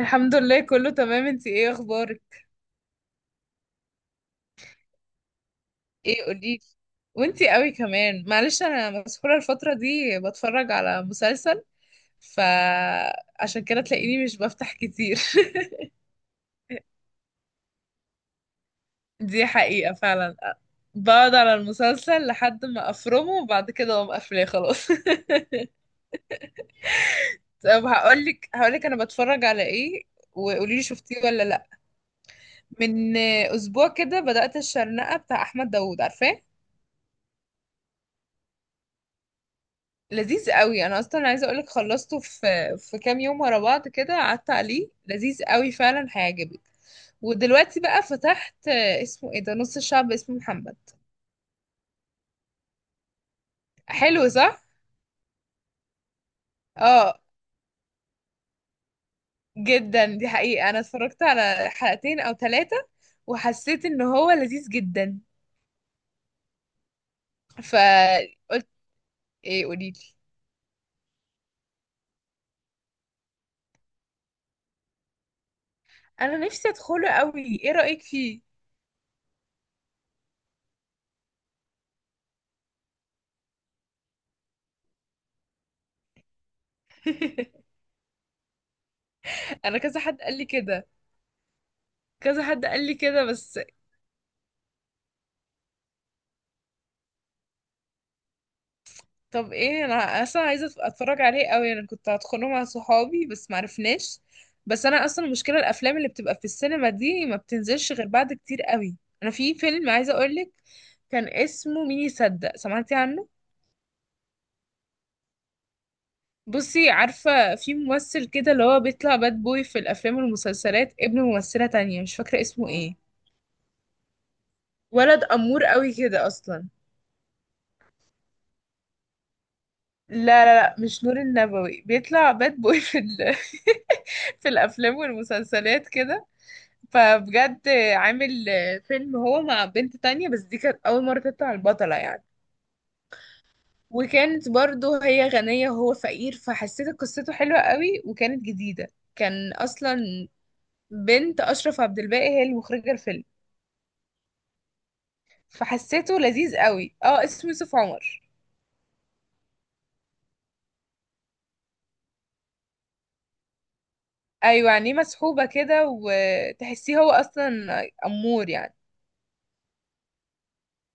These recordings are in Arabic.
الحمد لله كله تمام. انتي ايه اخبارك؟ ايه قوليلي. وانتي قوي كمان، معلش انا مسحولة الفترة دي بتفرج على مسلسل، فعشان كده تلاقيني مش بفتح كتير. دي حقيقة فعلا. بقعد على المسلسل لحد ما افرمه وبعد كده اقوم قافلاه خلاص. طب هقولك انا بتفرج على ايه، وقوليلي شفتيه ولا لا. من اسبوع كده بدأت الشرنقة بتاع احمد داوود، عارفاه؟ لذيذ قوي. انا اصلا عايزه اقولك خلصته في كام يوم ورا بعض كده، قعدت عليه لذيذ قوي فعلا، هيعجبك. ودلوقتي بقى فتحت اسمه ايه ده؟ نص الشعب اسمه محمد. حلو صح؟ اه. جدا، دي حقيقه. انا اتفرجت على حلقتين او ثلاثه وحسيت ان هو لذيذ جدا. فقلت، ايه قوليلي؟ انا نفسي ادخله قوي، ايه رايك فيه؟ انا كذا حد قال لي كده، كذا حد قال لي كده بس. طب ايه؟ انا اصلا عايزه اتفرج عليه قوي. انا كنت هدخله مع صحابي بس معرفناش. بس انا اصلا المشكله الافلام اللي بتبقى في السينما دي ما بتنزلش غير بعد كتير قوي. انا في فيلم عايزه اقولك، كان اسمه مين يصدق، سمعتي عنه؟ بصي، عارفه في ممثل كده اللي هو بيطلع باد بوي في الافلام والمسلسلات، ابن ممثله تانية مش فاكره اسمه ايه. ولد امور قوي كده اصلا. لا، لا، لا، مش نور النبوي. بيطلع باد بوي في في الافلام والمسلسلات كده. فبجد، عامل فيلم هو مع بنت تانية بس دي كانت أول مرة تطلع البطلة يعني. وكانت برضو هي غنية وهو فقير، فحسيت قصته حلوة قوي وكانت جديدة. كان أصلا بنت أشرف عبد الباقي هي المخرجة الفيلم. فحسيته لذيذ قوي. اه، اسمه يوسف عمر. أيوة، يعني مسحوبة كده وتحسيه هو أصلا أمور يعني.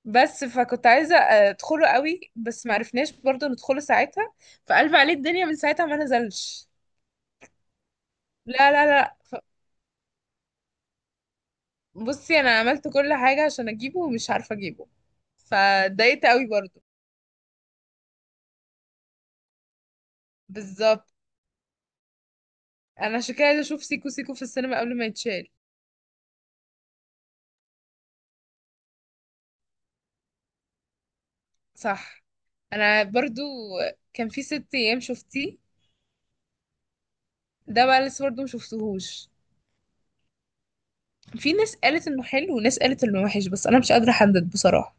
بس فكنت عايزة أدخله قوي بس معرفناش برضو ندخله ساعتها. فقلب عليه الدنيا، من ساعتها ما نزلش. لا، لا، لا. بصي انا عملت كل حاجة عشان اجيبه ومش عارفة اجيبه. فاتضايقت قوي برضو. بالظبط. انا عشان كده عايزة اشوف سيكو سيكو في السينما قبل ما يتشال. صح. انا برضو، كان في ست ايام شفتيه؟ ده بقى لسه برضو مشفتهوش. في ناس قالت انه حلو وناس قالت انه وحش، بس انا مش قادرة احدد بصراحة.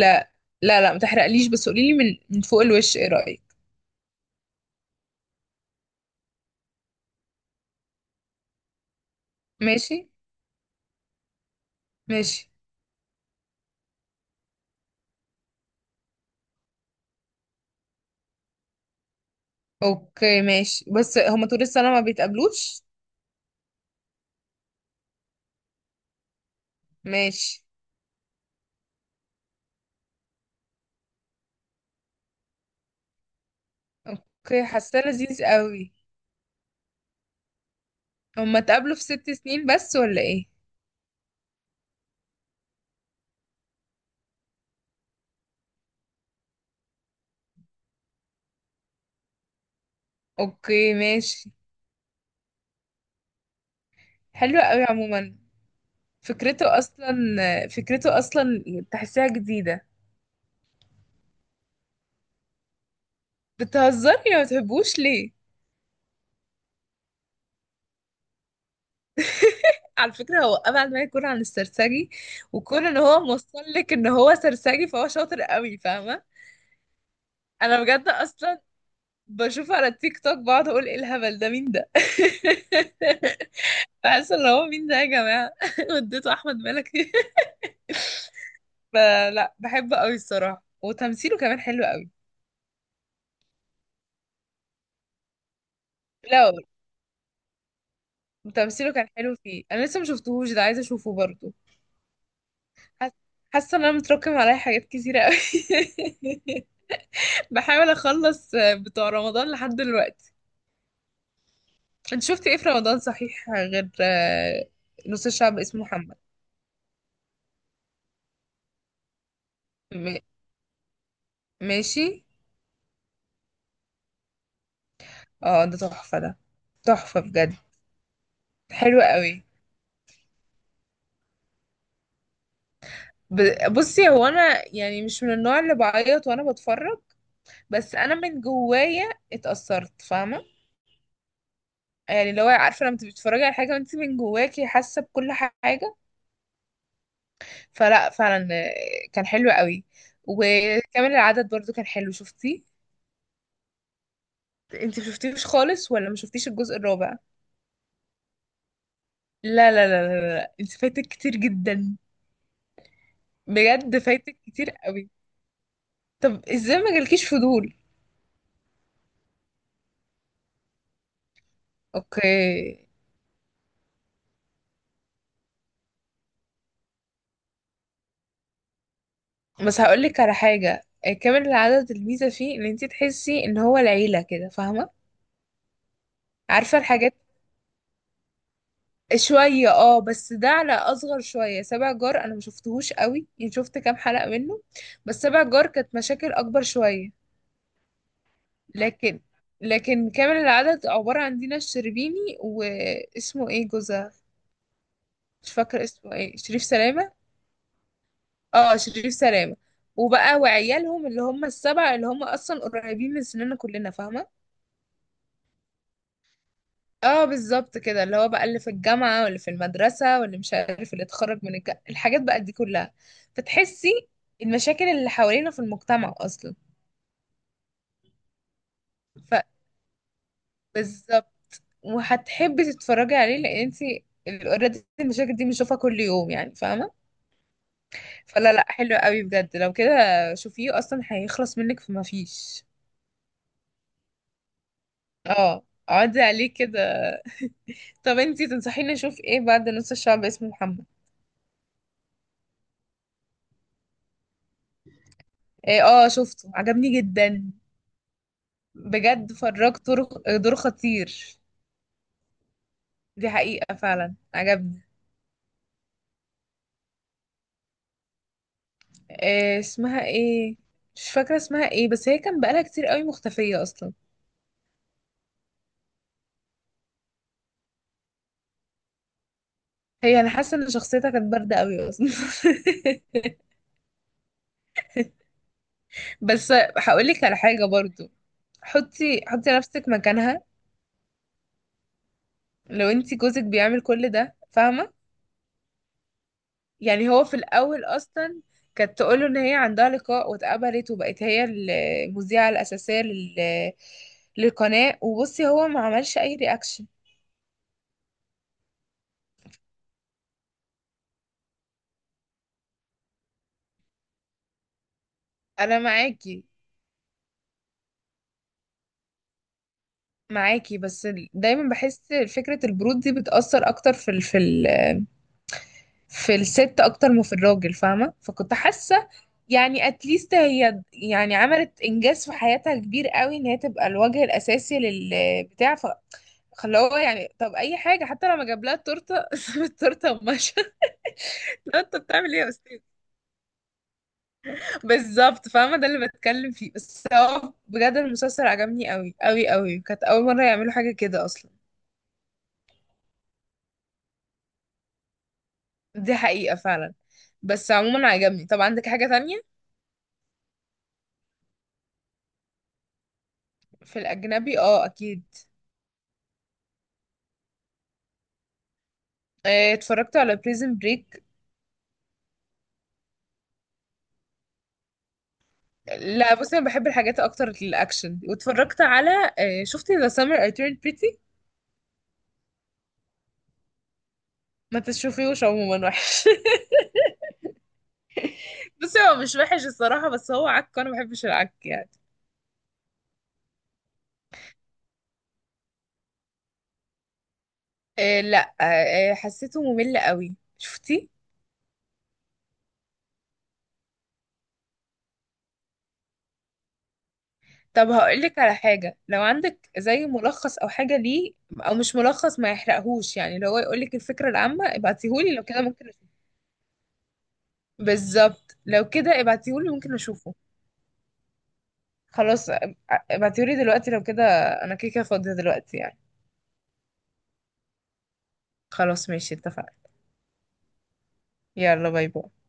لا، لا، لا، ما تحرقليش. بس قوليلي من فوق الوش ايه رأيك. ماشي. ماشي. اوكي، ماشي. بس هما طول السنة ما بيتقابلوش؟ ماشي. اوكي، حاساه لذيذ قوي. هما اتقابلوا في ست سنين بس ولا ايه؟ اوكي، ماشي. حلو قوي عموما. فكرته اصلا فكرته اصلا تحسيها جديدة. بتهزري؟ ما بتحبوش ليه؟ على فكرة هو أبعد ما يكون عن السرسجي. وكون ان هو موصل لك ان هو سرسجي فهو شاطر قوي، فاهمة؟ انا بجد اصلا بشوف على التيك توك بقعد اقول ايه الهبل ده، مين ده؟ بحس ان هو مين ده يا جماعة؟ وديته احمد مالك. فلا، بحبه قوي الصراحة وتمثيله كمان حلو قوي. لا، تمثيله كان حلو فيه. انا لسه ما شفتهوش ده، عايزة اشوفه برضو. حاسة حاسة ان انا متراكم عليا حاجات كتيرة قوي. بحاول اخلص بتوع رمضان لحد دلوقتي. انت شفتي ايه في رمضان صحيح غير؟ نص الشعب اسمه محمد. م- ماشي. اه، ده تحفة ده. تحفة بجد. حلو قوي. بصي هو انا يعني مش من النوع اللي بعيط وانا بتفرج. بس انا من جوايا اتأثرت، فاهمة؟ يعني اللي هو، عارفة، لما تبقي بتتفرجي على حاجة وانت من جواكي حاسة بكل حاجة. فلا فعلا كان حلو قوي. وكامل العدد برضو كان حلو، شفتيه؟ انت مشفتيهوش خالص ولا مشفتيش الجزء الرابع؟ لا، لا، لا، لا، لا. انت فايتك كتير جدا. بجد فايتك كتير قوي. طب ازاي ما جالكيش فضول؟ اوكي. بس هقولك على حاجة كامل العدد الميزة فيه ان انت تحسي ان هو العيلة كده، فاهمة؟ عارفة الحاجات شوية. اه بس ده على أصغر شوية، سبع جار أنا مشفتهوش قوي يعني، شفت كام حلقة منه. بس سبع جار كانت مشاكل أكبر شوية. لكن كامل العدد عبارة عن دينا الشربيني، واسمه ايه جوزها؟ مش فاكرة اسمه ايه، شريف سلامة. اه، شريف سلامة. وبقى وعيالهم اللي هم السبعة، اللي هم أصلا قريبين من سننا كلنا، فاهمة؟ اه بالظبط كده، اللي هو بقى اللي في الجامعة واللي في المدرسة واللي مش عارف اللي اتخرج من الحاجات بقى دي كلها. فتحسي المشاكل اللي حوالينا في المجتمع اصلا. فبالظبط. وهتحبي تتفرجي عليه لان انتي اوريدي المشاكل دي بنشوفها كل يوم يعني، فاهمة؟ فلا، لا، حلو قوي بجد. لو كده شوفيه اصلا هيخلص منك فما فيش. اه. اقعدي عليه كده. طب انتي تنصحيني اشوف ايه بعد نص الشعب اسمه محمد؟ ايه؟ اه، شفته عجبني جدا. بجد فراج دور. دور خطير. دي حقيقة فعلا عجبني. آه، اسمها ايه؟ مش فاكرة اسمها ايه، بس هي كان بقالها كتير قوي مختفية اصلا. هي انا حاسة ان شخصيتها كانت باردة قوي اصلا. بس هقولك على حاجة برضو. حطي، حطي نفسك مكانها. لو انتي جوزك بيعمل كل ده، فاهمة؟ يعني هو في الأول أصلا كانت تقوله إن هي عندها لقاء واتقبلت وبقت هي المذيعة الأساسية للقناة. وبصي هو ما عملش أي رياكشن. أنا معاكي. بس دايما بحس فكرة البرود دي بتأثر أكتر في في في الست أكتر ما في الراجل، فاهمة؟ فكنت حاسة يعني اتليست هي يعني عملت انجاز في حياتها كبير قوي ان هي تبقى الوجه الاساسي للبتاع. خلاه هو، يعني طب اي حاجه، حتى لما جاب لها التورته ساب التورته ومشى. لا انت بتعمل ايه يا استاذ؟ بالظبط، فاهمه ده اللي بتكلم فيه. بس هو بجد المسلسل عجبني قوي قوي قوي. كانت اول مره يعملوا حاجه كده اصلا. دي حقيقه فعلا. بس عموما عجبني. طب عندك حاجه تانية؟ في الاجنبي اه اكيد. اتفرجت على بريزن بريك. لا، بصي انا بحب الحاجات اكتر الاكشن. واتفرجت على شفتي ذا سummer I turned pretty؟ ما تشوفيهوش عموما، وحش. بصي هو مش وحش الصراحة، بس هو عك وانا ما بحبش العك يعني. إيه؟ لا، إيه، حسيته ممل قوي. شفتي؟ طب هقولك على حاجة، لو عندك زي ملخص او حاجة ليه. او مش ملخص ما يحرقهوش يعني، لو هو يقولك الفكرة العامة ابعتيهولي، لو كده ممكن اشوفه. بالظبط، لو كده ابعتيهولي ممكن اشوفه. خلاص. ابعتيهولي دلوقتي لو كده. انا كده كده فاضية دلوقتي يعني. خلاص، ماشي، اتفقنا. يلا باي باي.